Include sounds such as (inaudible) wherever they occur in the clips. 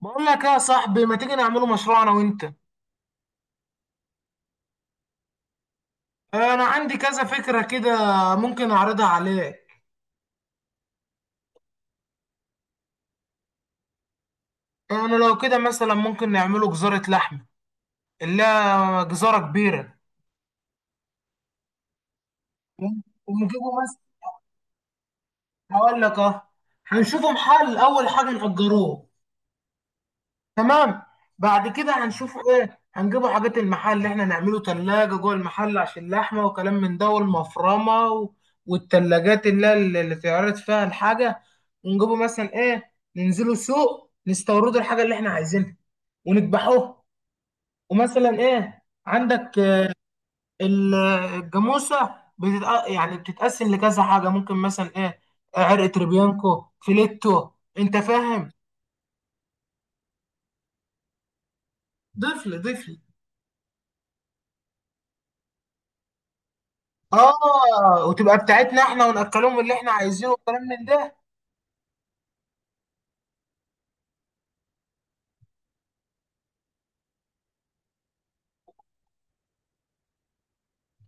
بقول لك إيه يا صاحبي؟ ما تيجي نعمله مشروع انا وانت؟ انا عندي كذا فكرة كده، ممكن اعرضها عليك. انا لو كده مثلا ممكن نعمله جزارة لحمة، اللي هي جزارة كبيرة، ونجيبه مثلا. هقول لك اه، هنشوفه محل، اول حاجة نأجروه. تمام. بعد كده هنشوف ايه، هنجيبوا حاجات المحل اللي احنا نعمله تلاجة جوه المحل عشان اللحمة وكلام من ده والمفرمة والتلاجات اللي هي اللي تعرض فيها الحاجة. ونجيبوا مثلا ايه، ننزلوا سوق، نستوردوا الحاجة اللي احنا عايزينها، ونذبحوها. ومثلا ايه، عندك ال- الجاموسة يعني بتتقسم لكذا حاجة، ممكن مثلا ايه عرق تريبيانكو فيليتو. انت فاهم؟ ضيف لي، ضيف لي. اه، وتبقى بتاعتنا احنا، وناكلهم اللي احنا عايزينه، والكلام من ده.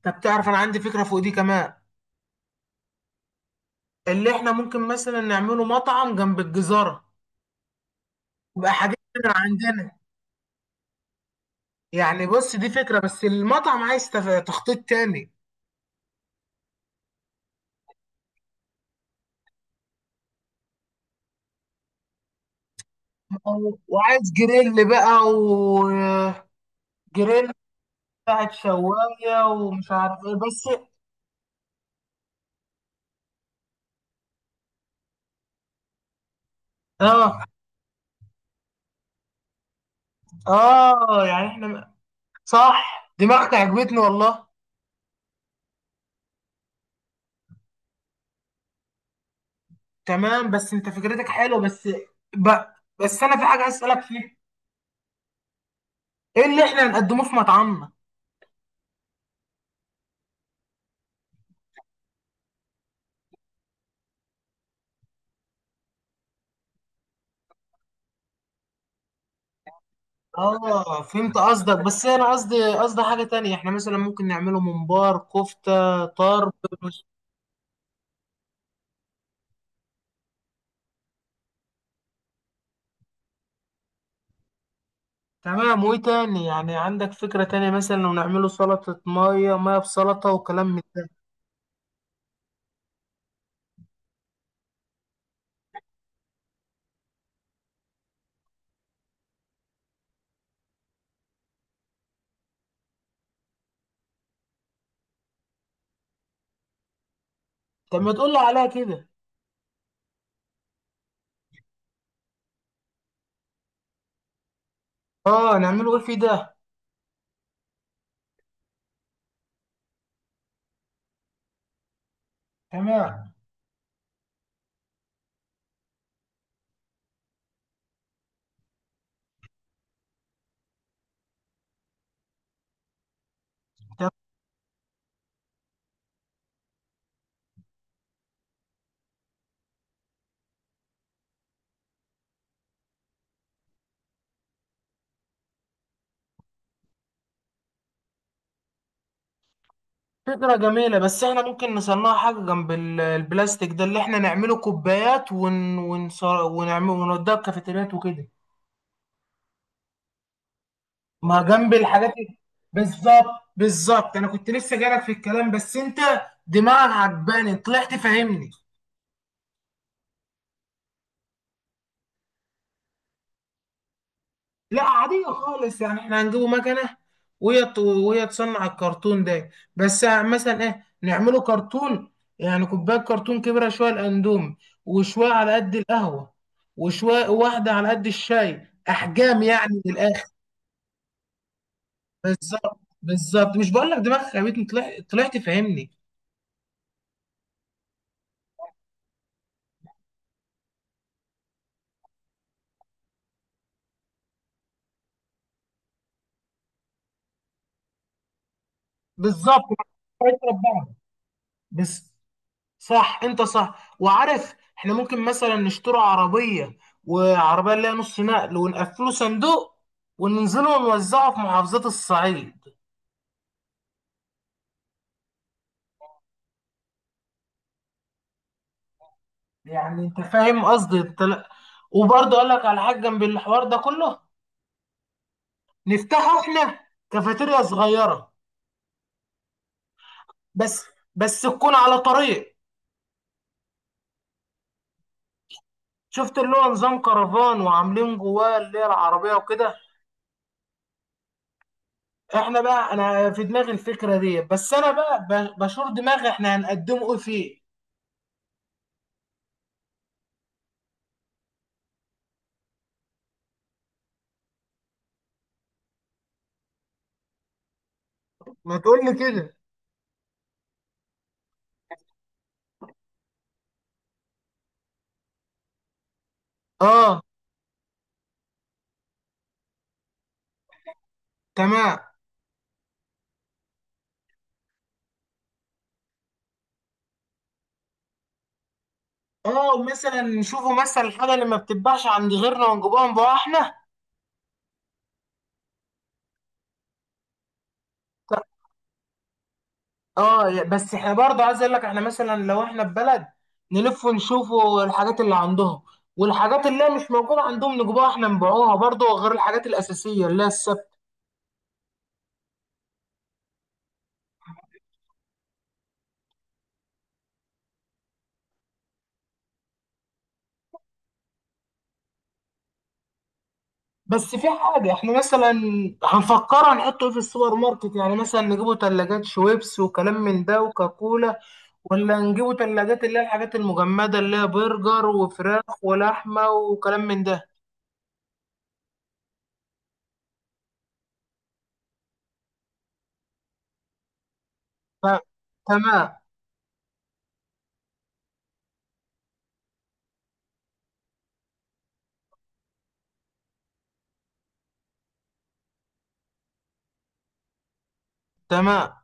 طب تعرف؟ انا عندي فكره فوق دي كمان، اللي احنا ممكن مثلا نعمله مطعم جنب الجزاره، يبقى حاجات من عندنا. يعني بص، دي فكره بس المطعم عايز تخطيط تاني. وعايز جريل بقى وجريل بتاعت شوايه ومش عارف ايه، بس. اه، اه، يعني احنا، صح، دماغك عجبتني والله. تمام بس انت فكرتك حلوه، بس ب... بس انا في حاجه عايز اسالك فيها: ايه اللي احنا هنقدمه في مطعمنا؟ اه فهمت قصدك، بس انا قصدي حاجه تانية، احنا مثلا ممكن نعمله ممبار كفته طرب. مش- تمام، وايه تاني؟ يعني عندك فكره تانية مثلا لو نعمله سلطه ميه ميه بسلطه وكلام من ده. طب ما تقول لي عليها كده. اه، نعمله ايه في ده؟ تمام. فكرة جميلة، بس احنا ممكن نصنع حاجة جنب البلاستيك ده، اللي احنا نعمله كوبايات ونعمل ونوديها الكافيتريات وكده. ما جنب الحاجات. بالظبط، بالظبط، انا كنت لسه جايلك في الكلام، بس انت دماغك عجباني، طلعت فاهمني. لا عادية خالص، يعني احنا هنجيبه مكنة، وهي تصنع الكرتون ده، بس مثلا ايه نعمله كرتون، يعني كوباية كرتون كبيرة شوية الأندومي، وشوية على قد القهوة، وشوية واحدة على قد الشاي، أحجام يعني من الآخر، بس. بالظبط، مش بقول لك دماغك يا بيت، طلعت فاهمني. بالظبط. (laughs) ما تفكرش في بعض. بس، صح، انت صح وعارف، احنا ممكن مثلا نشتري عربية، وعربية اللي هي نص نقل ونقفله صندوق، وننزله ونوزعه في محافظات الصعيد. يعني انت فاهم قصدي انت؟ لا، وبرضه اقول لك على حاجة جنب الحوار ده كله، نفتحه احنا كافيتيريا صغيرة، بس بس تكون على طريق. شفت اللي هو نظام كرفان، وعاملين جواه اللي هي العربية وكده. احنا بقى انا في دماغي الفكرة دي، بس انا بقى بشور دماغي، احنا هنقدمه ايه فيه؟ ما تقول لي كده. اه. تمام. اه، ومثلا نشوفوا مثلا الحاجه اللي ما بتتباعش عند غيرنا ونجيبوها نبيعها احنا. ط- اه بس احنا برضه عايز اقول لك، احنا مثلا لو احنا في بلد، نلف ونشوفوا الحاجات اللي عندهم، والحاجات اللي هي مش موجوده عندهم نجيبوها احنا نبيعوها برضه، غير الحاجات الاساسيه اللي هي الثابته. بس في حاجه احنا مثلا هنفكرها نحطه إيه في السوبر ماركت؟ يعني مثلا نجيبوا ثلاجات شويبس وكلام من ده وكاكولا، ولا نجيبوا تلاجات اللي هي الحاجات المجمدة اللي هي برجر وفراخ ولحمة وكلام من ده؟ ف... تمام. تمام.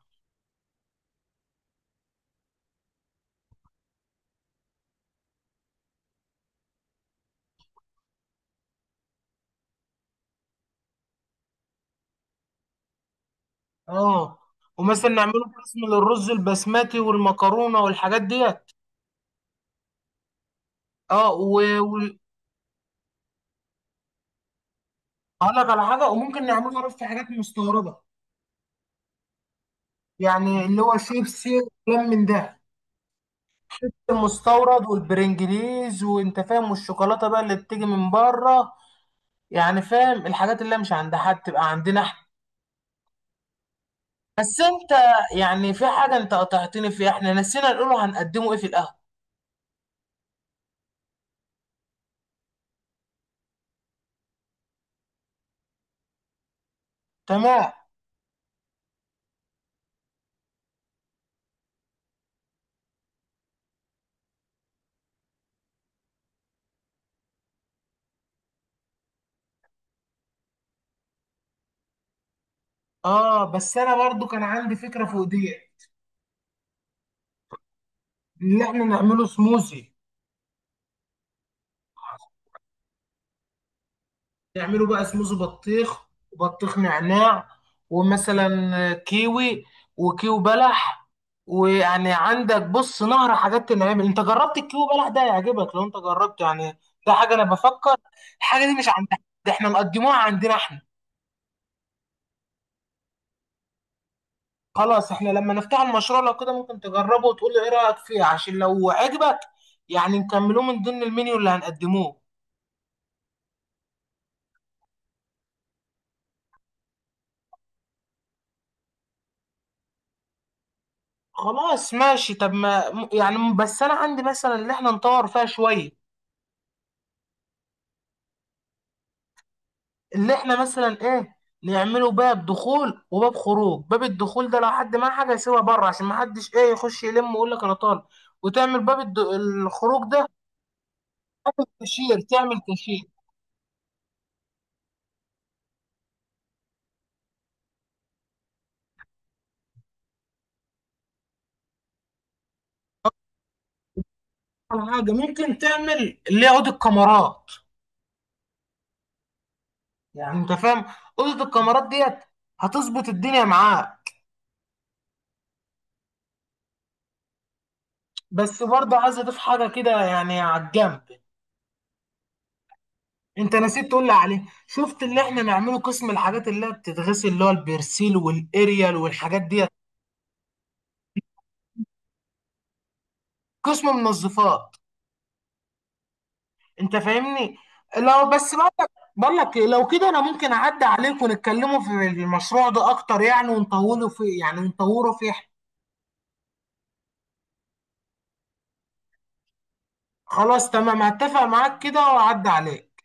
اه، ومثلا نعمله قسم للرز البسمتي والمكرونة والحاجات ديت. اه. هقول لك على حاجة وممكن نعمله، عارف، في حاجات مستوردة، يعني اللي هو شيبسي وكلام من ده، المستورد والبرنجليز وانت فاهم، والشوكولاتة بقى اللي بتيجي من بره، يعني فاهم، الحاجات اللي هي مش عند حد تبقى عندنا احنا. بس انت، يعني في حاجة انت قطعتني فيها، احنا نسينا نقوله هنقدمه ايه في القهوة. تمام. اه، بس انا برضو كان عندي فكرة فوق دي، ان احنا نعمله سموزي، نعمله بقى سموزي بطيخ، وبطيخ نعناع، ومثلا كيوي، وكيو بلح. ويعني عندك بص، نهر حاجات تنعمل، انت جربت الكيو بلح ده؟ هيعجبك لو انت جربته يعني، ده حاجة انا بفكر، الحاجة دي مش عند، ده احنا مقدموها عندنا احنا. خلاص، احنا لما نفتح المشروع لو كده ممكن تجربه وتقول لي ايه رأيك فيه، عشان لو عجبك يعني نكملوه من ضمن المنيو اللي هنقدموه. خلاص ماشي، طب ما يعني، بس انا عندي مثلا اللي احنا نطور فيها شوية، اللي احنا مثلا ايه، نعمله باب دخول وباب خروج، باب الدخول ده لو حد معاه حاجة يسيبها بره عشان ما حدش ايه يخش يلم ويقول لك انا طالب، وتعمل باب الخروج ده. كاشير، تعمل كاشير. أول حاجة ممكن تعمل اللي يقعد الكاميرات، يعني انت فاهم، اوضه الكاميرات ديت هتظبط الدنيا معاك. بس برضه عايز اضيف حاجه كده يعني على الجنب، انت نسيت تقول لي عليه، شفت اللي احنا نعمله قسم الحاجات اللي هي بتتغسل اللي هو البرسيل والاريال والحاجات ديت، قسم منظفات، انت فاهمني. لو بس بقول لك، بقول لك ايه، لو كده انا ممكن اعدي عليك ونتكلموا في المشروع ده اكتر، يعني ونطوله فيه، يعني ونطوره فيه. خلاص تمام، هتفق معاك كده واعدي عليك.